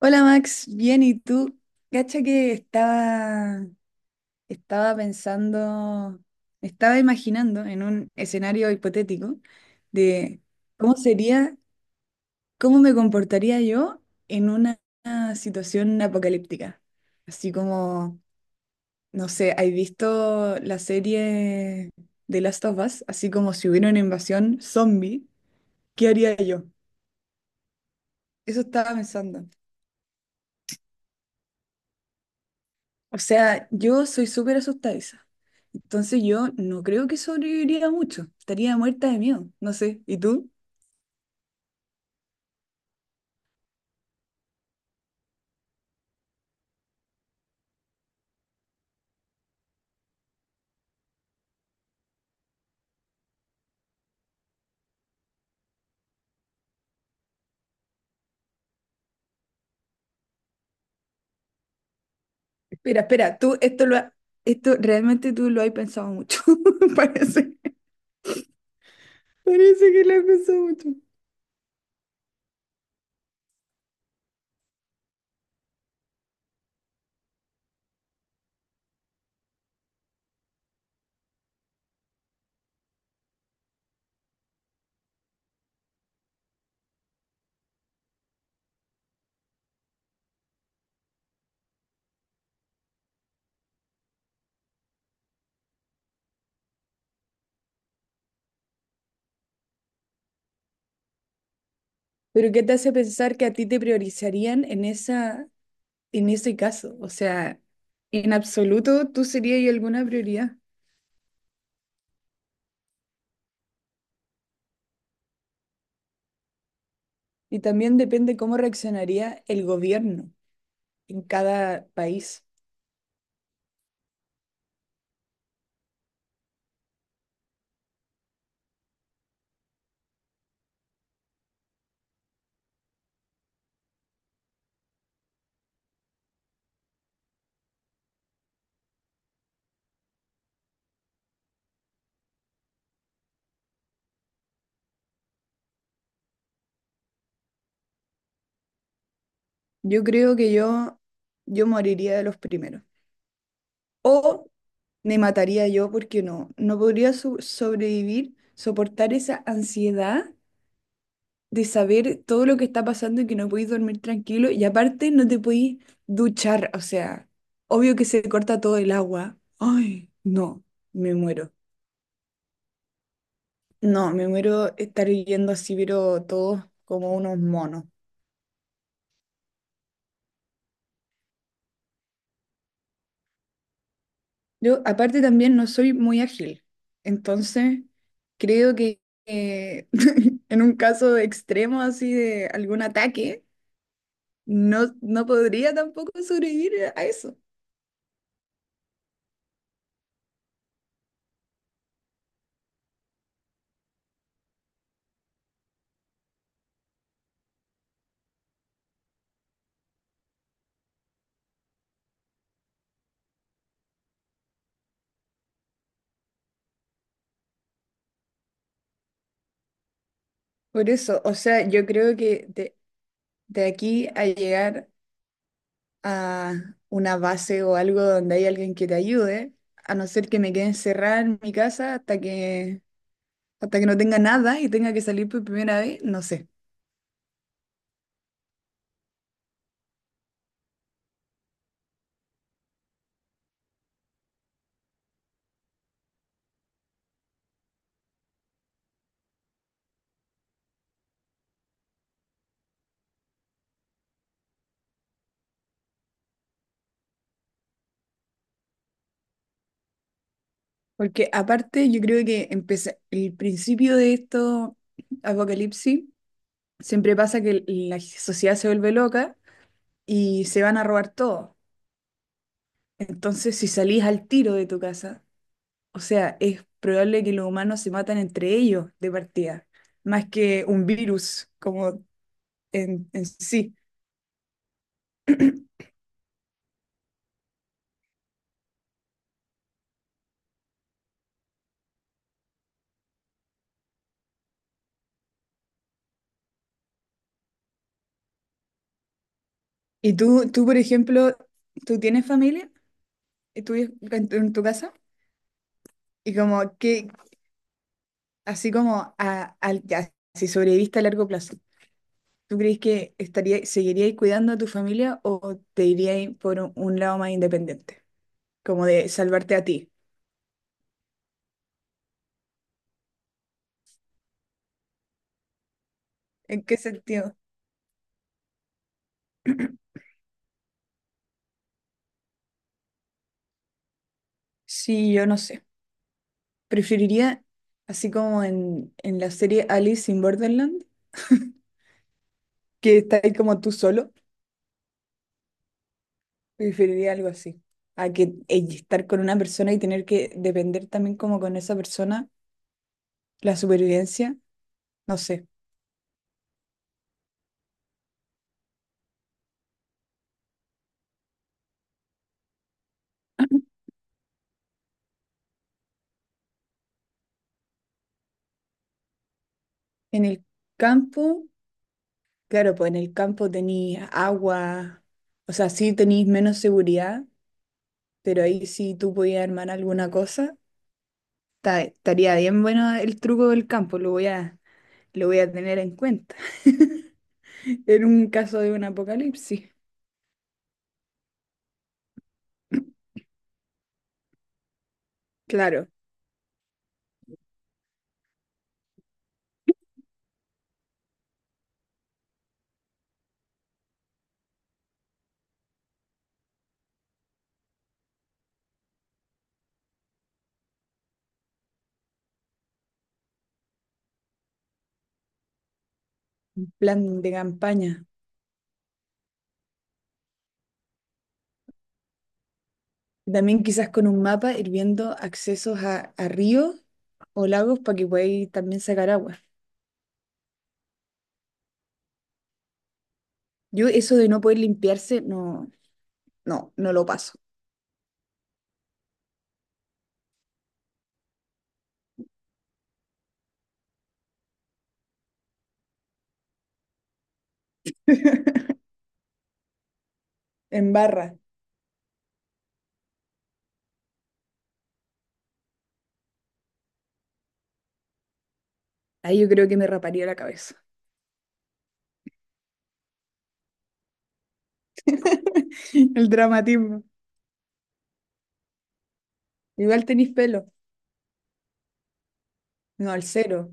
Hola Max, bien, ¿y tú? Cacha que estaba pensando, estaba imaginando en un escenario hipotético de cómo sería, cómo me comportaría yo en una situación apocalíptica. Así como, no sé, ¿has visto la serie de Last of Us? Así como si hubiera una invasión zombie, ¿qué haría yo? Eso estaba pensando. O sea, yo soy súper asustadiza. Entonces yo no creo que sobreviviría mucho. Estaría muerta de miedo. No sé. ¿Y tú? Espera, espera. Tú esto lo ha- Esto realmente tú lo has pensado mucho. Parece, Parece que lo has pensado mucho. Pero ¿qué te hace pensar que a ti te priorizarían en en ese caso? O sea, en absoluto tú serías alguna prioridad. Y también depende cómo reaccionaría el gobierno en cada país. Yo creo que yo moriría de los primeros. O me mataría yo porque no podría sobrevivir, soportar esa ansiedad de saber todo lo que está pasando y que no podéis dormir tranquilo. Y aparte no te podéis duchar. O sea, obvio que se corta todo el agua. Ay, no, me muero. No, me muero estar viviendo así, pero todos como unos monos. Yo aparte también no soy muy ágil, entonces creo que eh, en un caso extremo así de algún ataque, no podría tampoco sobrevivir a eso. Por eso, o sea, yo creo que de aquí a llegar a una base o algo donde hay alguien que te ayude, a no ser que me quede encerrada en mi casa hasta hasta que no tenga nada y tenga que salir por primera vez, no sé. Porque aparte yo creo que el principio de esto apocalipsis siempre pasa que la sociedad se vuelve loca y se van a robar todo. Entonces, si salís al tiro de tu casa, o sea, es probable que los humanos se matan entre ellos de partida, más que un virus como en sí. Y tú, por ejemplo, ¿tú tienes familia? ¿Y ¿Tú vives en en tu casa? Y como que, así como a, ya, si sobreviviste a largo plazo. ¿Tú crees que estaría, seguiríais cuidando a tu familia o te iríais por un lado más independiente? Como de salvarte a ti. ¿En qué sentido? Sí, yo no sé. Preferiría, así como en la serie Alice in Borderland, que está ahí como tú solo, preferiría algo así. A que estar con una persona y tener que depender también como con esa persona, la supervivencia, no sé. En el campo. Claro, pues en el campo tenéis agua, o sea, sí tenéis menos seguridad, pero ahí sí tú podías armar alguna cosa. Estaría bien bueno el truco del campo, lo voy a tener en cuenta. En un caso de un apocalipsis, claro, plan de campaña. También quizás con un mapa ir viendo accesos a ríos o lagos para que podáis también sacar agua. Yo eso de no poder limpiarse, no lo paso. En barra, ahí yo creo que me raparía la cabeza. El dramatismo. Igual tenéis pelo. No, al cero.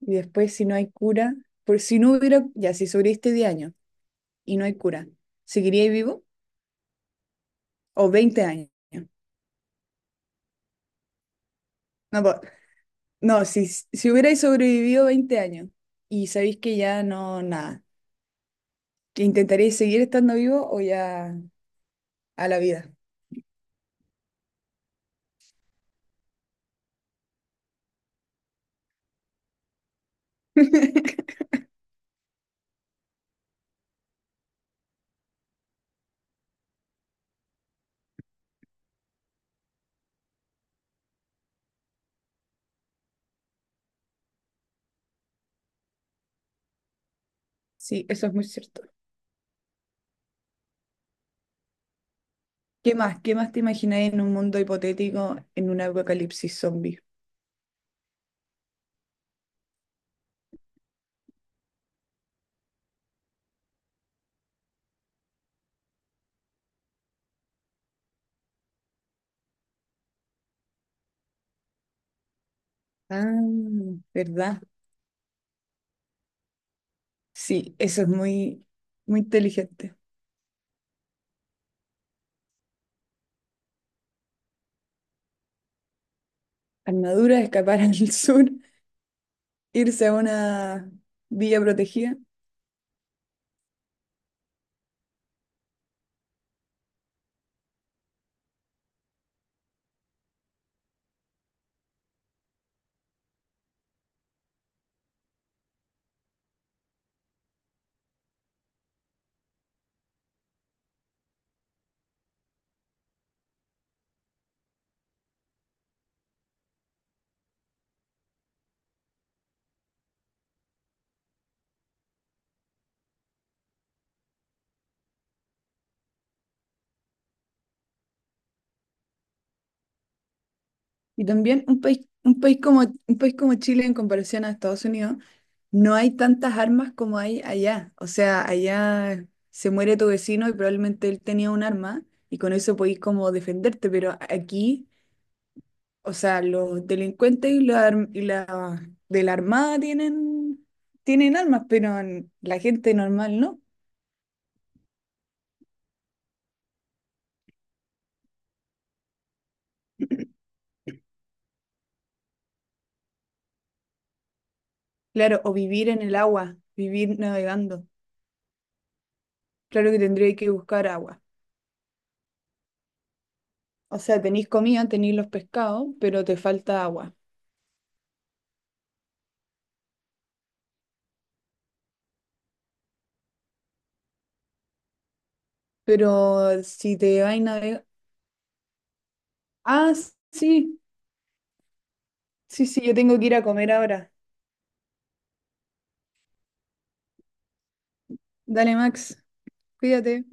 Y después, si no hay cura, por si no hubiera, ya, si sobreviviste 10 años y no hay cura, ¿seguiríais vivo? ¿O 20 años? No, no si, si hubierais sobrevivido 20 años y sabéis que ya no, nada, ¿intentaríais seguir estando vivo o ya a la vida? Sí, eso es muy cierto. ¿Qué más? ¿Qué más te imagináis en un mundo hipotético en un apocalipsis zombie? Ah, ¿verdad? Sí, eso es muy, muy inteligente. Armadura, escapar al sur, irse a una villa protegida. Y también un país como Chile en comparación a Estados Unidos, no hay tantas armas como hay allá. O sea, allá se muere tu vecino y probablemente él tenía un arma y con eso podís como defenderte, pero aquí, o sea, los delincuentes y y la de la armada tienen, tienen armas, pero la gente normal no. Claro, o vivir en el agua, vivir navegando. Claro que tendría que buscar agua. O sea, tenéis comida, tenéis los pescados, pero te falta agua. Pero si te vais navegando... Ah, sí, sí, yo tengo que ir a comer ahora. Dale, Max, cuídate.